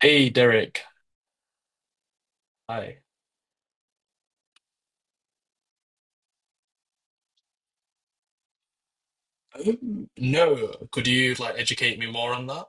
Hey Derek, hi. No, could you like educate me more on that?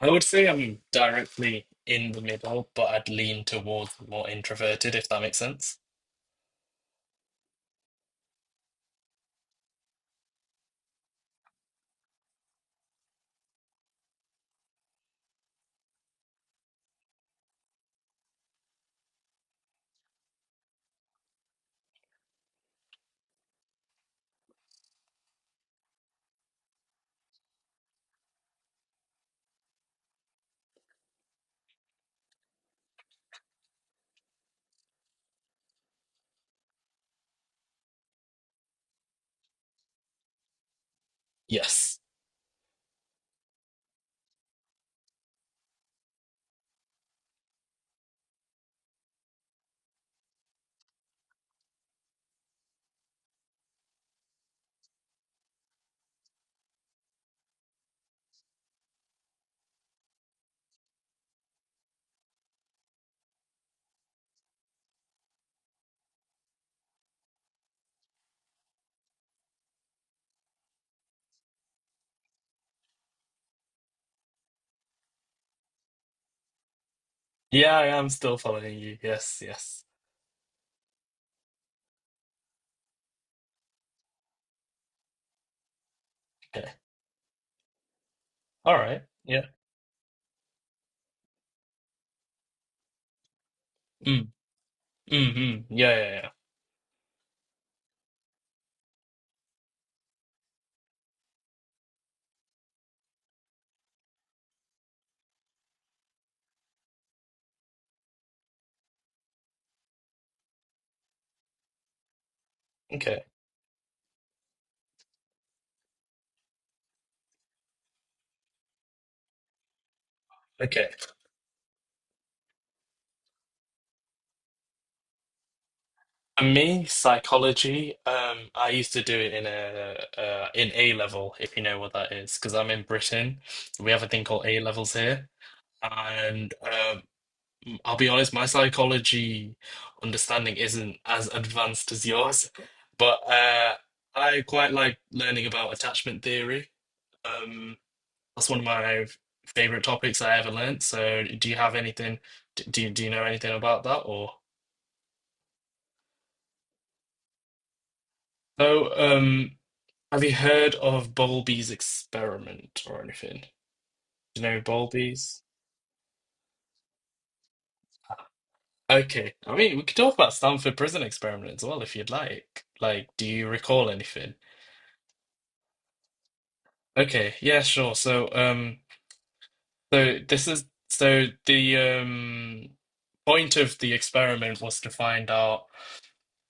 I would say I'm directly in the middle, but I'd lean towards more introverted, if that makes sense. Yes. Yeah, I am still following you. Yes, yes. Okay. All right. Yeah. Mm, mm, mm. Yeah, yeah, yeah. Okay. Okay. For me, psychology, I used to do it in A level, if you know what that is, because I'm in Britain. We have a thing called A levels here, and I'll be honest, my psychology understanding isn't as advanced as yours, but I quite like learning about attachment theory. Um, that's one of my favorite topics I ever learnt. So, do you have anything? Do you know anything about that or? So. Have you heard of Bowlby's experiment or anything? Do you know Bowlby's? Okay. I mean, we could talk about Stanford Prison Experiment as well if you'd like. Like, do you recall anything? Okay, yeah, sure. So, this is so the point of the experiment was to find out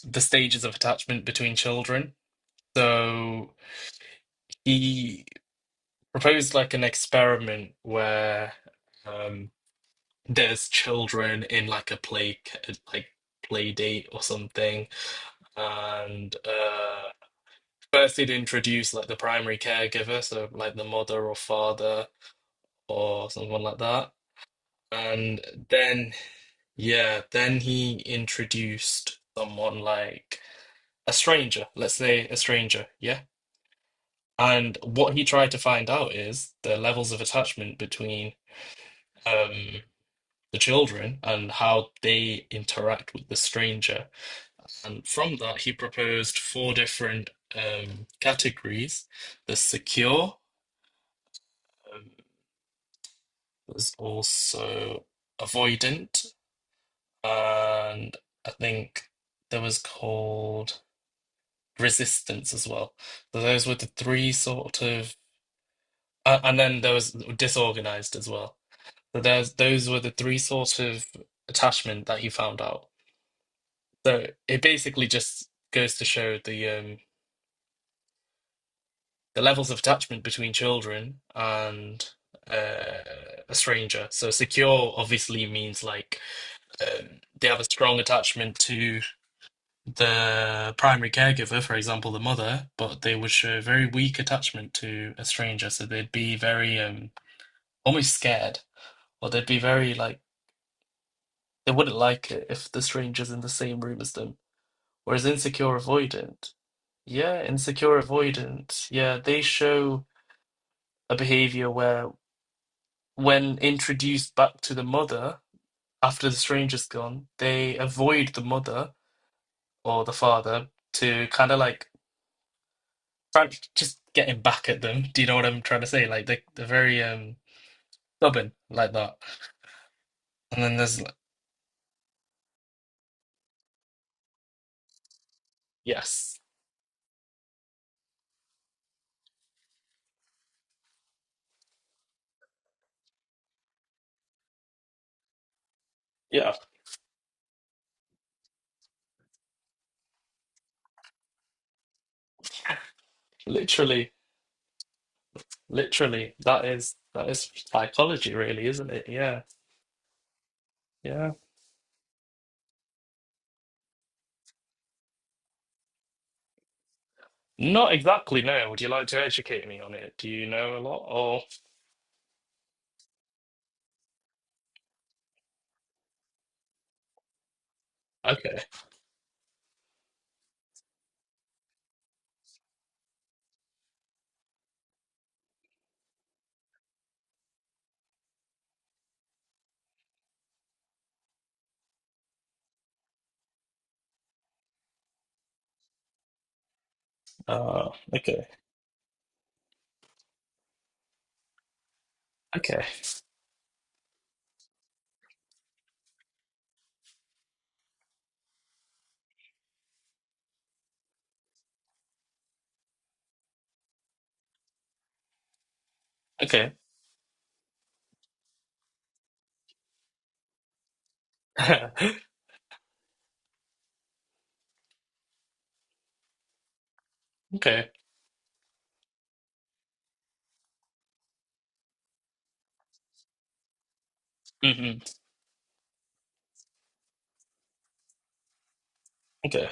the stages of attachment between children. So he proposed like an experiment where um there's children in like a like play date or something, and first they'd introduce like the primary caregiver, so like the mother or father or someone like that, and then, yeah, then he introduced someone like a stranger, let's say a stranger, yeah. And what he tried to find out is the levels of attachment between um the children and how they interact with the stranger. And from that, he proposed four different categories. The secure, um, was also avoidant, and I think there was called resistance as well. So those were the three sort of, and then there was disorganized as well. So there's those were the three sort of attachment that he found out. So it basically just goes to show the levels of attachment between children and uh, a stranger. So secure obviously means like they have a strong attachment to the primary caregiver, for example, the mother, but they would show very weak attachment to a stranger. So they'd be very almost scared, or they'd be very like they wouldn't like it if the stranger's in the same room as them. Whereas insecure avoidant, yeah, they show a behavior where. When introduced back to the mother after the stranger's gone, they avoid the mother or the father to kind of like try- just getting back at them. Do you know what I'm trying to say? Like they're very stubborn like that. And then there's like, yes, yeah, literally, literally, that is psychology, really, isn't it? Yeah, yeah. Not exactly. No. Would you like to educate me on it? Do you know a lot? Or okay. Uh, okay. Okay. Okay. okay. Hmm. Okay.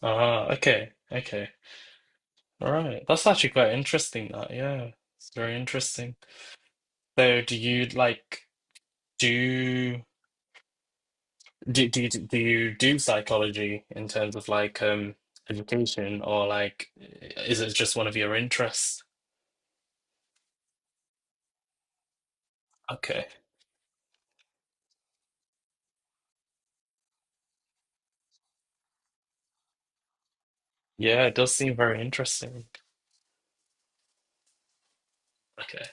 Ah, okay. Okay. All right. That's actually quite interesting that. Yeah. It's very interesting. So do you like do do do you, do you do psychology in terms of like education or like is it just one of your interests? Okay. Yeah, it does seem very interesting. Okay.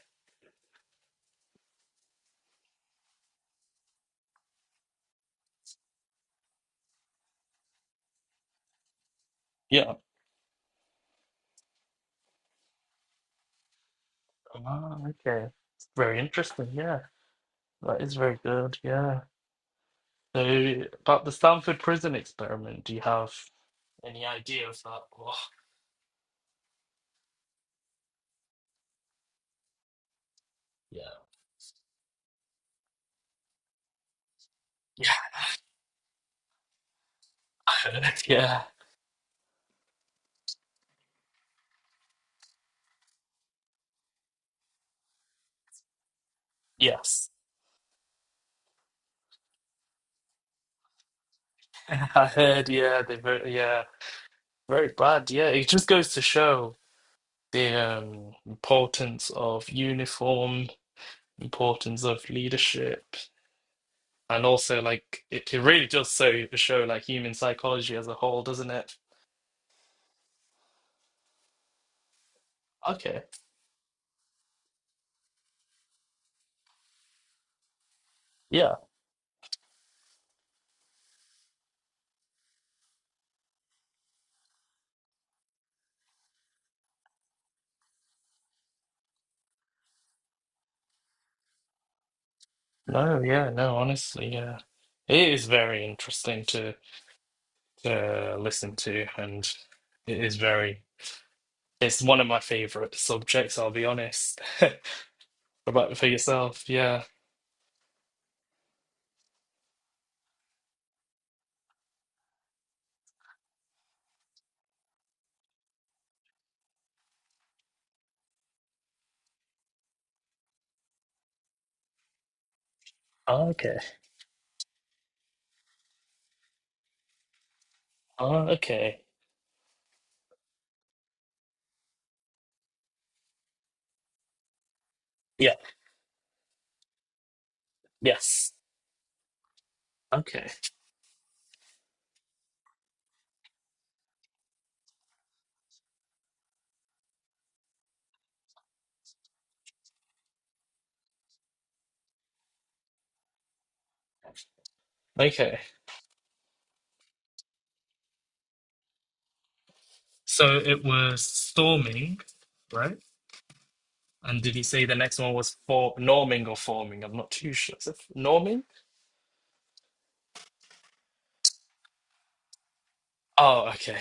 Yeah. Ah, okay. Very interesting. Yeah. That is very good. Yeah. So about the Stanford prison experiment, do you have any idea of that? Oh, yeah. Yeah, I heard, yeah, yes. I heard, yeah, they very, yeah, very bad. Yeah, it just goes to show the importance of uniform, importance of leadership, and also like it really does so show like human psychology as a whole, doesn't it? Okay. Yeah. No. Yeah. No. Honestly. Yeah. It is very interesting to listen to, and it is very. It's one of my favorite subjects, I'll be honest. What about for yourself? Yeah. Okay. Oh, okay. Yeah. Yes. Okay. Okay. So it was storming, right? And did he say the next one was for norming or forming? I'm not too sure. Is it norming? Oh, okay.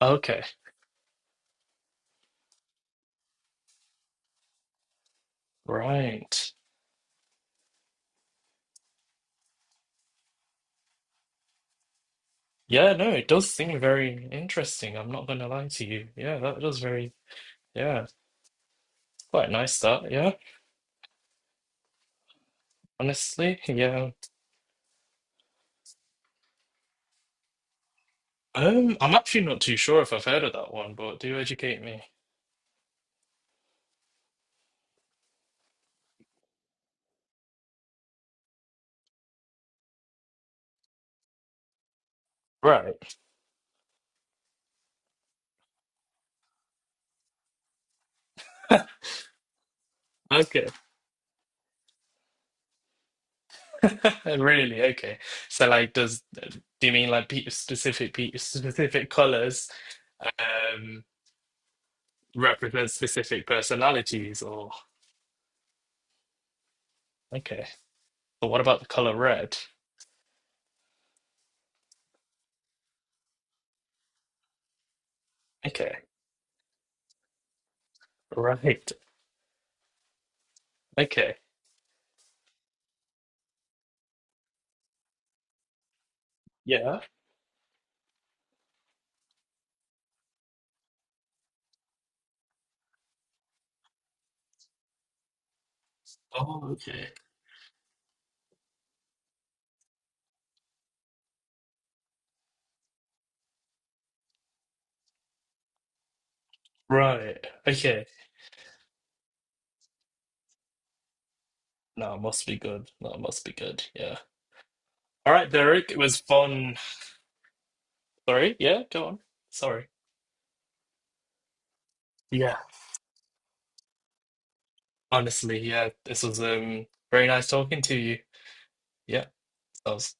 Okay. Right. Yeah, no, it does seem very interesting. I'm not gonna lie to you. Yeah, that was very, yeah, quite nice that, yeah, honestly. Yeah. I'm actually not too sure if I've heard of that one, but do educate me. Right. Okay. Really? Okay. So, like, does do you mean like pe specific colors um represent specific personalities, or okay? But what about the color red? Okay. Right. Okay. Yeah. Oh, okay. Right. Okay. No, it must be good. No, it must be good. Yeah. All right, Derek. It was fun. Sorry. Yeah. Go on. Sorry. Yeah. Honestly, yeah, this was very nice talking to you. Yeah, that was.